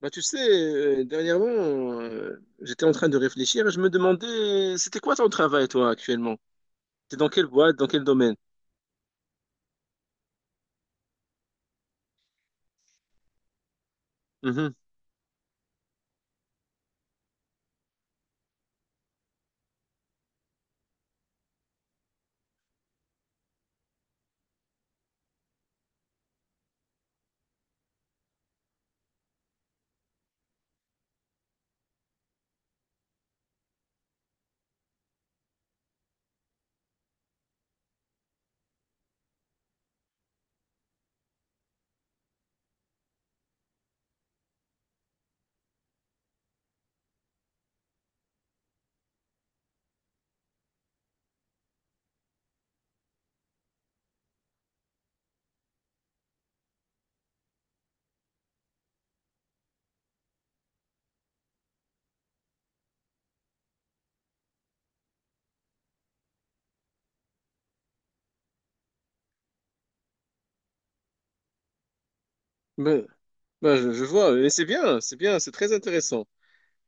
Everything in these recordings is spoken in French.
Dernièrement, j'étais en train de réfléchir et je me demandais, c'était quoi ton travail, toi, actuellement? T'es dans quelle boîte, dans quel domaine? Mhm. ben je vois, et c'est bien, c'est bien, c'est très intéressant.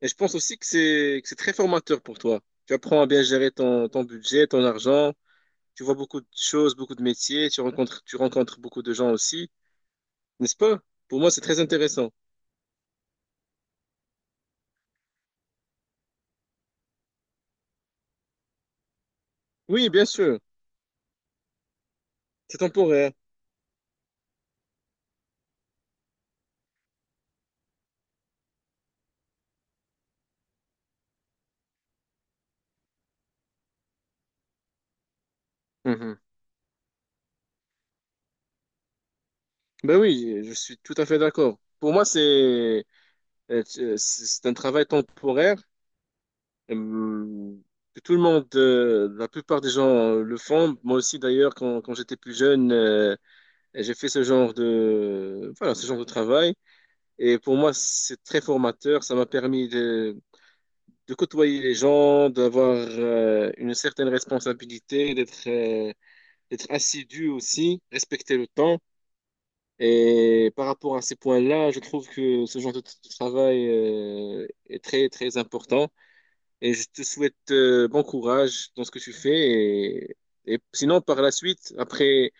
Et je pense aussi que c'est très formateur pour toi. Tu apprends à bien gérer ton budget, ton argent, tu vois beaucoup de choses, beaucoup de métiers, tu rencontres beaucoup de gens aussi, n'est-ce pas? Pour moi, c'est très intéressant. Oui, bien sûr, c'est temporaire. Mhm. Ben oui, je suis tout à fait d'accord. Pour moi, c'est c'est un travail temporaire euh, que la plupart des gens le font. Moi aussi, d'ailleurs, quand j'étais plus jeune, j'ai fait ce genre de, voilà, ce genre de travail. Et pour moi, c'est très formateur. Ça m'a permis de côtoyer les gens, d'avoir une certaine responsabilité, d'être assidu aussi, respecter le temps. Et par rapport à ces points-là, je trouve que ce genre de travail est très important. Et je te souhaite bon courage dans ce que tu fais. Et sinon, par la suite, après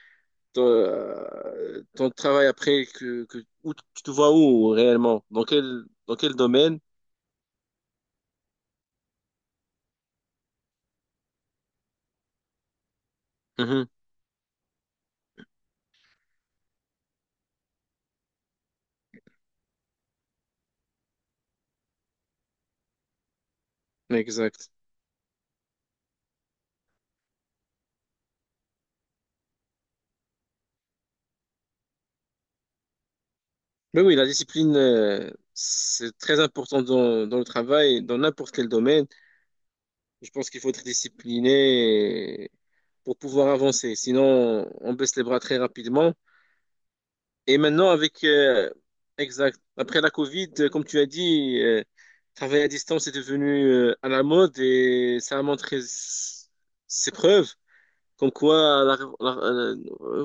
ton travail, après, que, où, tu te vois où réellement? Dans quel domaine? Mhm. Exact. Mais oui, la discipline, c'est très important dans le travail, dans n'importe quel domaine. Je pense qu'il faut être discipliné pour pouvoir avancer. Sinon, on baisse les bras très rapidement. Et maintenant, après la Covid, comme tu as dit, travailler à distance est devenu à la mode et ça a montré ses preuves, comme quoi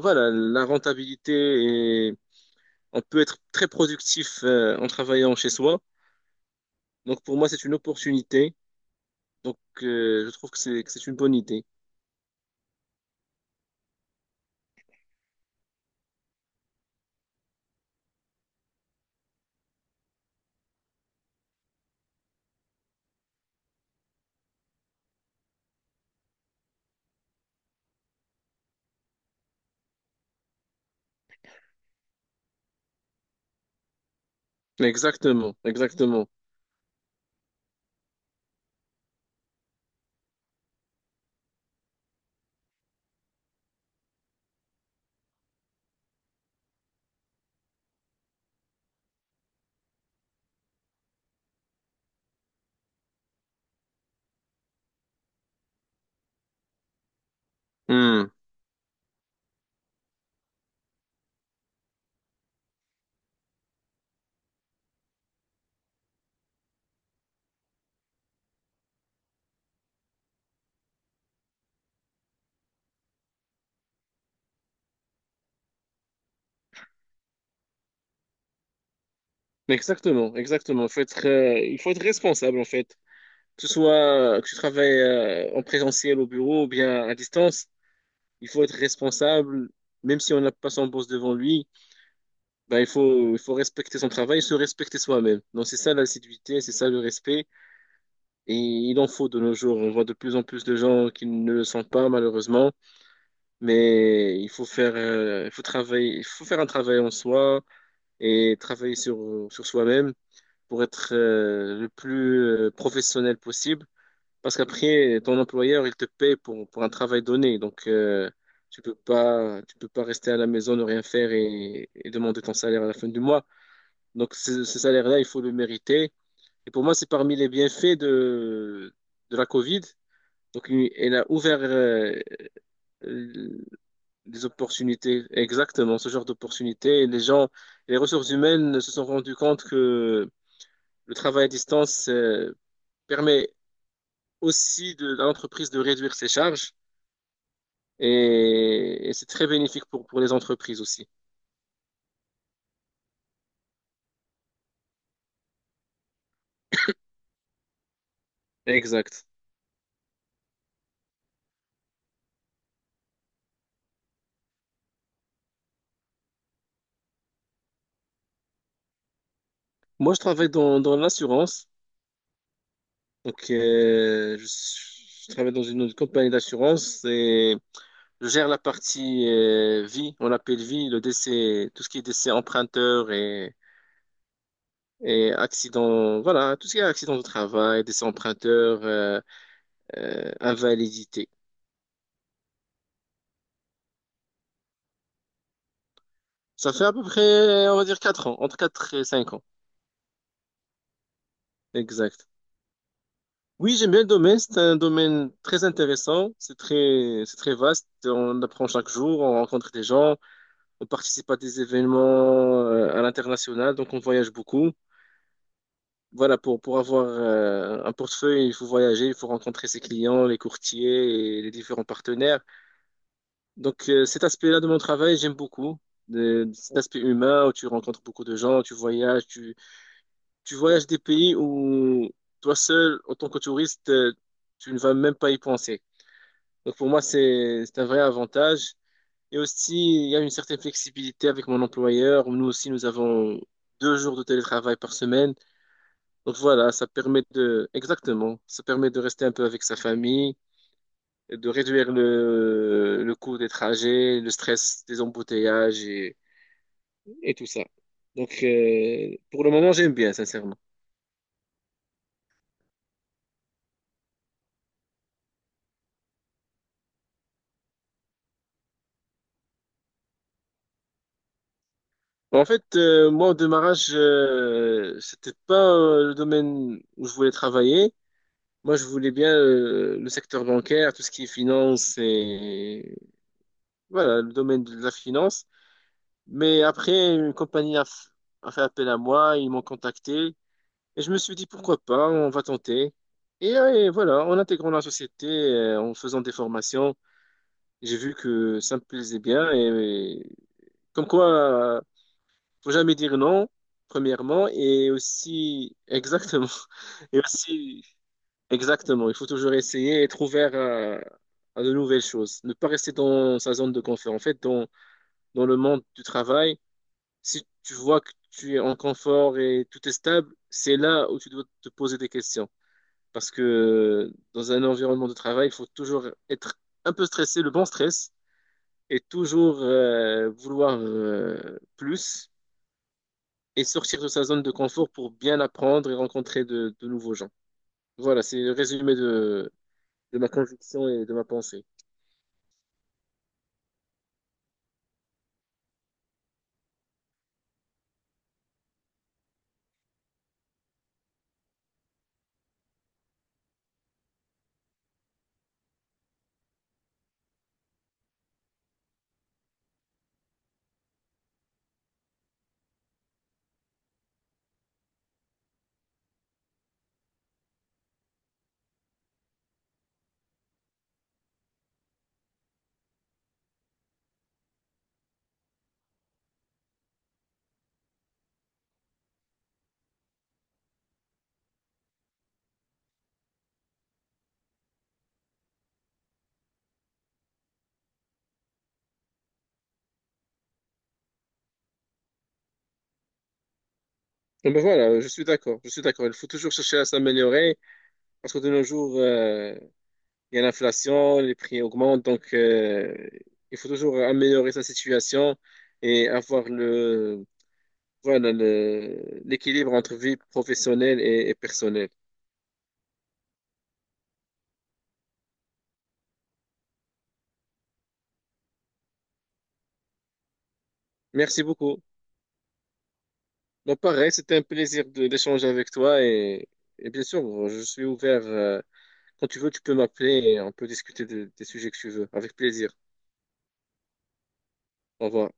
voilà, la rentabilité et on peut être très productif en travaillant chez soi. Donc pour moi, c'est une opportunité. Donc je trouve que c'est une bonne idée. Exactement, exactement. Hmm. Exactement, exactement. Il faut être responsable en fait. Que ce soit que tu travailles en présentiel au bureau ou bien à distance, il faut être responsable. Même si on n'a pas son boss devant lui, ben il faut respecter son travail, et se respecter soi-même. Donc c'est ça l'assiduité, c'est ça le respect. Et il en faut de nos jours. On voit de plus en plus de gens qui ne le sont pas malheureusement. Mais il faut travailler, il faut faire un travail en soi et travailler sur soi-même pour être le plus professionnel possible. Parce qu'après, ton employeur, il te paye pour un travail donné. Donc, tu peux pas rester à la maison, ne rien faire et demander ton salaire à la fin du mois. Donc, ce salaire-là, il faut le mériter. Et pour moi, c'est parmi les bienfaits de la Covid. Donc, elle a ouvert les opportunités, exactement ce genre d'opportunités. Et les gens, les ressources humaines se sont rendues compte que le travail à distance permet aussi de, à l'entreprise de réduire ses charges et c'est très bénéfique pour les entreprises aussi. Exact. Moi, je travaille dans l'assurance. Donc, je travaille dans une compagnie d'assurance et je gère la partie vie, on l'appelle vie, le décès, tout ce qui est décès emprunteur et accident, voilà, tout ce qui est accident de travail, décès emprunteur, invalidité. Ça fait à peu près, on va dire, 4 ans, entre 4 et 5 ans. Exact. Oui, j'aime bien le domaine. C'est un domaine très intéressant. C'est très vaste. On apprend chaque jour, on rencontre des gens, on participe à des événements à l'international, donc on voyage beaucoup. Voilà, pour avoir un portefeuille, il faut voyager, il faut rencontrer ses clients, les courtiers et les différents partenaires. Donc, cet aspect-là de mon travail, j'aime beaucoup. De- cet aspect humain où tu rencontres beaucoup de gens, tu voyages, tu voyages des pays où toi seul, en tant que touriste, tu ne vas même pas y penser. Donc pour moi, c'est un vrai avantage. Et aussi, il y a une certaine flexibilité avec mon employeur. Nous aussi, nous avons deux jours de télétravail par semaine. Donc voilà, ça permet de, exactement, ça permet de rester un peu avec sa famille, et de réduire le coût des trajets, le stress des embouteillages et tout ça. Donc pour le moment, j'aime bien, sincèrement. En fait, moi, au démarrage, c'était pas le domaine où je voulais travailler. Moi, je voulais bien le secteur bancaire, tout ce qui est finance et voilà, le domaine de la finance. Mais après, une compagnie a, f- a fait appel à moi, ils m'ont contacté et je me suis dit pourquoi pas, on va tenter. Et voilà, en intégrant la société, en faisant des formations, j'ai vu que ça me plaisait bien et comme quoi, euh, faut jamais dire non, premièrement, et aussi exactement, et aussi exactement, il faut toujours essayer et être ouvert à de nouvelles choses. Ne pas rester dans sa zone de confort. En fait, dans le monde du travail, si tu vois que tu es en confort et tout est stable, c'est là où tu dois te poser des questions. Parce que dans un environnement de travail, il faut toujours être un peu stressé, le bon stress, et toujours vouloir plus et sortir de sa zone de confort pour bien apprendre et rencontrer de nouveaux gens. Voilà, c'est le résumé de ma conviction et de ma pensée. Bon, ben voilà, je suis d'accord, je suis d'accord. Il faut toujours chercher à s'améliorer parce que de nos jours, il y a l'inflation, les prix augmentent, donc il faut toujours améliorer sa situation et avoir l'équilibre entre vie professionnelle et personnelle. Merci beaucoup. Donc pareil, c'était un plaisir de- d'échanger avec toi et bien sûr, je suis ouvert. Quand tu veux, tu peux m'appeler et on peut discuter de- des sujets que tu veux. Avec plaisir. Au revoir.